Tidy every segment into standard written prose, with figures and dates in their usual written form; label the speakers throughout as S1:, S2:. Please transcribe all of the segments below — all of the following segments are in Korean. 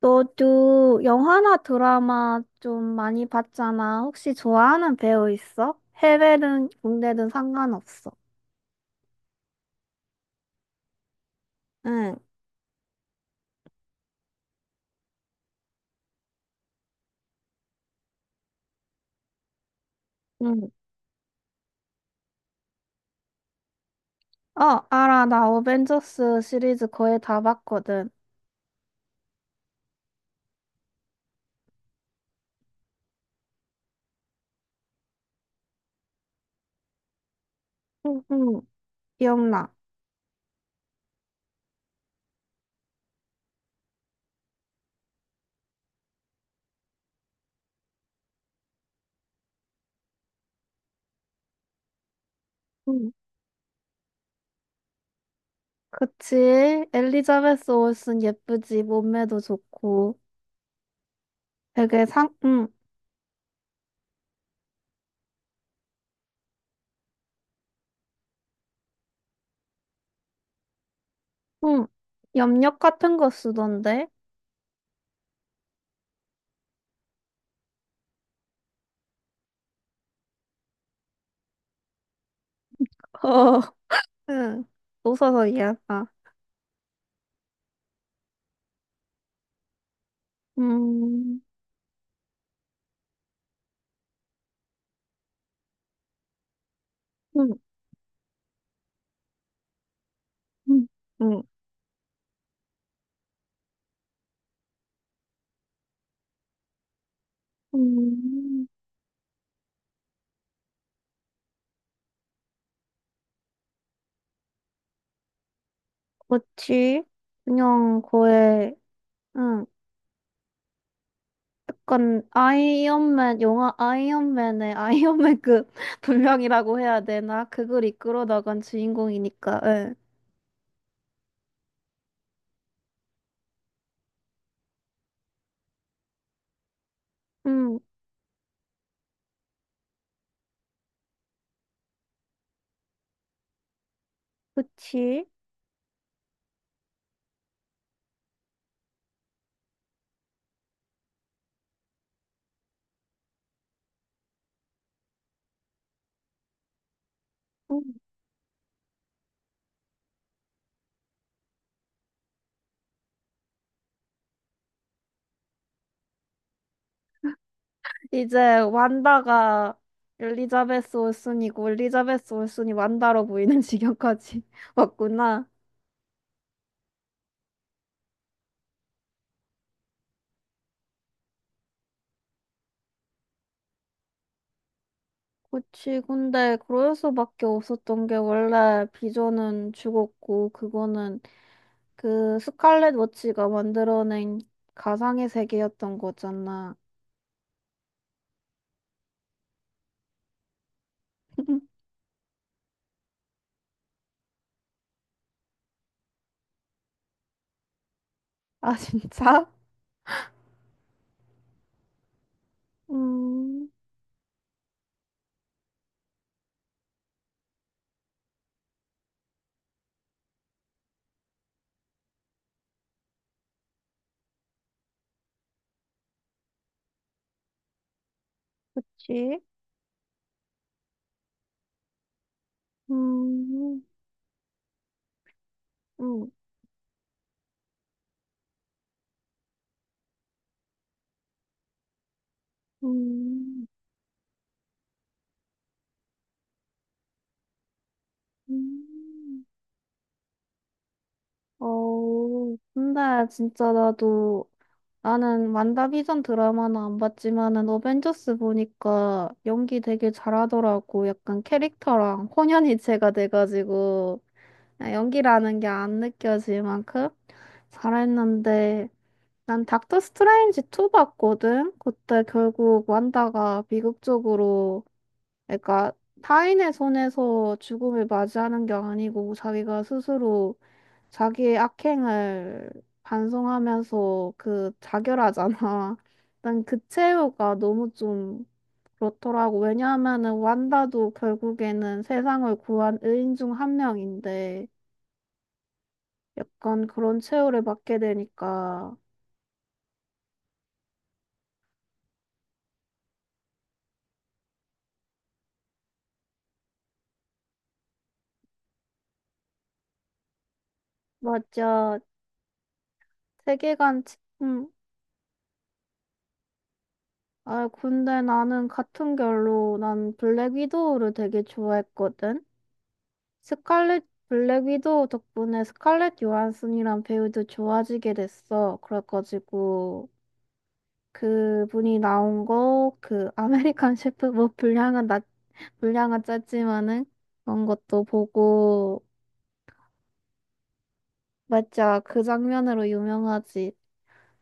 S1: 너도 영화나 드라마 좀 많이 봤잖아. 혹시 좋아하는 배우 있어? 해외든 국내든 상관없어. 응, 응. 알아. 나 어벤져스 시리즈 거의 다 봤거든. 응, 응, 기억나. 응. 그치? 엘리자베스 올슨 예쁘지. 몸매도 좋고. 되게 상, 응, 응. 염력 같은 거 쓰던데? 어, 응. 웃어서 미안하다. 음, 응, 응. 음, 그렇지. 그냥 거의, 응, 약간 아이언맨, 영화 아이언맨의 아이언맨급 분량이라고 해야 되나? 그걸 이끌어 나간 주인공이니까, 응. 응, 그치. 응. 이제 완다가 엘리자베스 올슨이고, 엘리자베스 올슨이 완다로 보이는 지경까지 왔구나. 그치. 근데 그래서밖에 없었던 게 원래 비전은 죽었고, 그거는 그 스칼렛 워치가 만들어낸 가상의 세계였던 거잖아. 아, 진짜? 음, 그치? 음, 음, 음, 음. 근데 진짜 나는 완다비전 드라마는 안 봤지만은 어벤져스 보니까 연기 되게 잘하더라고. 약간 캐릭터랑 혼연일체가 돼가지고, 아, 연기라는 게 안 느껴질 만큼 잘했는데, 난 닥터 스트레인지 2 봤거든? 그때 결국 완다가 미국 쪽으로, 그러니까 타인의 손에서 죽음을 맞이하는 게 아니고 자기가 스스로 자기의 악행을 반성하면서 그 자결하잖아. 난 그 최후가 너무 좀 그렇더라고. 왜냐하면은 완다도 결국에는 세상을 구한 의인 중 한 명인데 약간 그런 최후를 받게 되니까. 맞아. 세계관 치- 음, 아, 근데 나는 같은 결로 난 블랙 위도우를 되게 좋아했거든. 스칼렛 블랙 위도우 덕분에 스칼렛 요한슨이란 배우도 좋아지게 됐어. 그래가지고 그분이 나온 거 그 아메리칸 셰프 뭐 분량은 짧지만은 그런 것도 보고. 맞아, 그 장면으로 유명하지.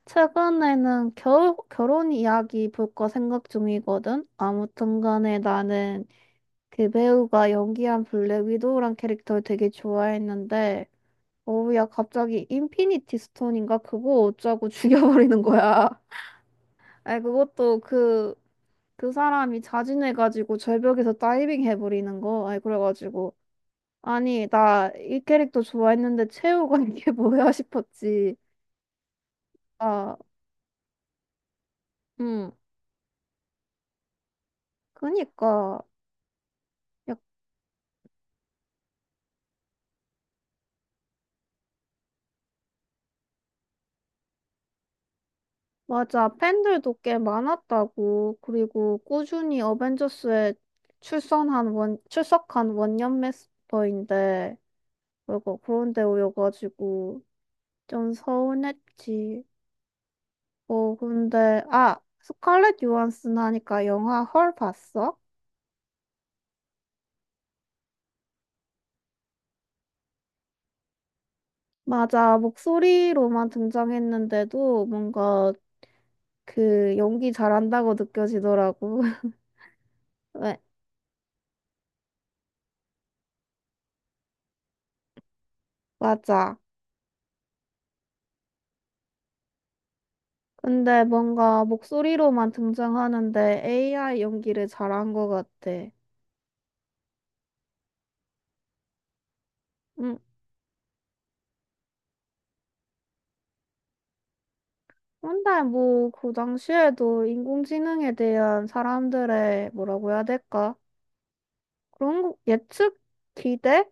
S1: 최근에는 결 결혼 이야기 볼 거 생각 중이거든. 아무튼 간에 나는 그 배우가 연기한 블랙 위도우란 캐릭터를 되게 좋아했는데, 어우, 야, 갑자기 인피니티 스톤인가? 그거 어쩌고 죽여버리는 거야. 아니, 그것도 그, 그 사람이 자진해가지고 절벽에서 다이빙 해버리는 거. 아니, 그래가지고. 아니, 나 이 캐릭터 좋아했는데 최후가 이게 뭐야 싶었지. 아, 음. 그니까. 맞아. 팬들도 꽤 많았다고. 그리고 꾸준히 어벤져스에 출석한 원년 멤버인데, 그리고 그런데 오여가지고 좀 서운했지. 아, 스칼렛 요한슨 하니까 영화 헐 봤어? 맞아. 목소리로만 등장했는데도 뭔가 그 연기 잘한다고 느껴지더라고. 왜? 맞아. 근데 뭔가 목소리로만 등장하는데 AI 연기를 잘한 것 같아. 음, 근데 뭐 그 당시에도 인공지능에 대한 사람들의 뭐라고 해야 될까? 예측, 기대,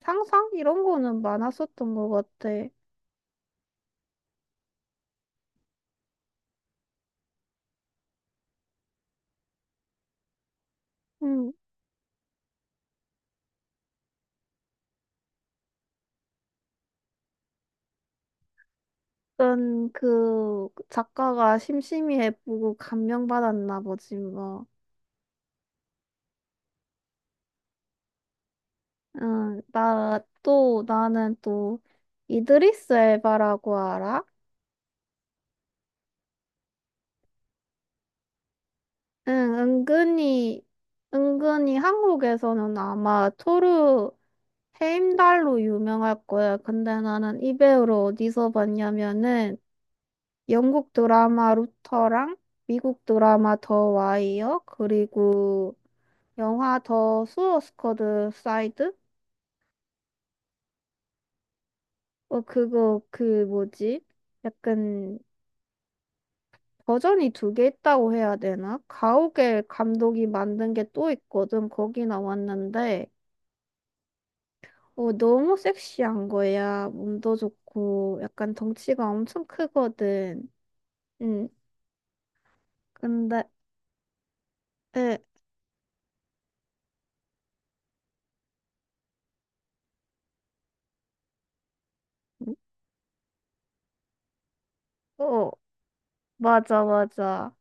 S1: 상상 이런 거는 많았었던 것 같아. 음, 일단 그 작가가 심심이에 보고 감명받았나 보지 뭐. 응. 나 또 나는 또 이드리스 엘바라고 알아? 응, 은근히, 은근히 한국에서는 아마 토르 헤임달로 유명할 거야. 근데 나는 이 배우를 어디서 봤냐면은 영국 드라마 루터랑 미국 드라마 더 와이어 그리고 영화 더 수어스쿼드 사이드? 어, 그거, 그 뭐지? 약간 버전이 두 개 있다고 해야 되나? 가오갤 감독이 만든 게 또 있거든. 거기 나왔는데. 어, 너무 섹시한 거야. 몸도 좋고, 약간 덩치가 엄청 크거든. 응, 근데, 에, 어, 맞아, 맞아.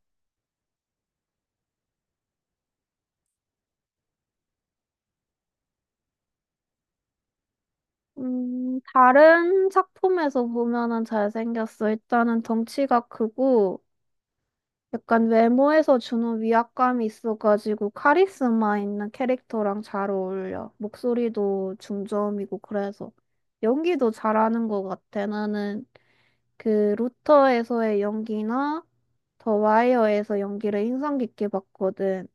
S1: 다른 작품에서 보면은 잘생겼어. 일단은 덩치가 크고, 약간 외모에서 주는 위압감이 있어가지고, 카리스마 있는 캐릭터랑 잘 어울려. 목소리도 중저음이고, 그래서. 연기도 잘하는 것 같아. 나는 그 루터에서의 연기나 더 와이어에서 연기를 인상 깊게 봤거든.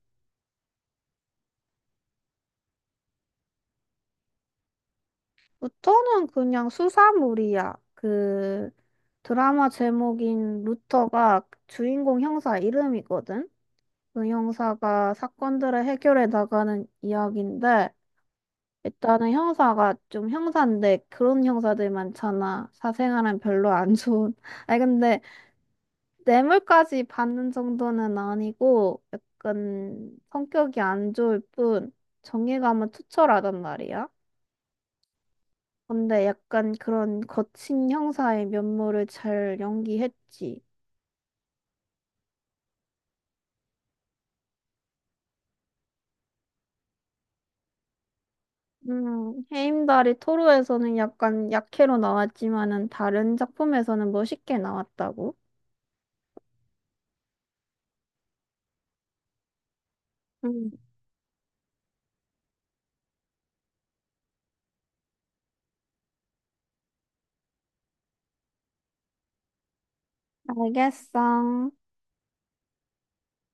S1: 루터는 그냥 수사물이야. 그 드라마 제목인 루터가 주인공 형사 이름이거든. 그 형사가 사건들을 해결해 나가는 이야기인데 일단은 형사가 좀 형사인데 그런 형사들 많잖아. 사생활은 별로 안 좋은. 아니 근데 뇌물까지 받는 정도는 아니고 약간 성격이 안 좋을 뿐 정의감은 투철하단 말이야. 근데 약간 그런 거친 형사의 면모를 잘 연기했지. 해임달이 토르에서는 약간 약해로 나왔지만은 다른 작품에서는 멋있게 나왔다고. 음, 알겠어.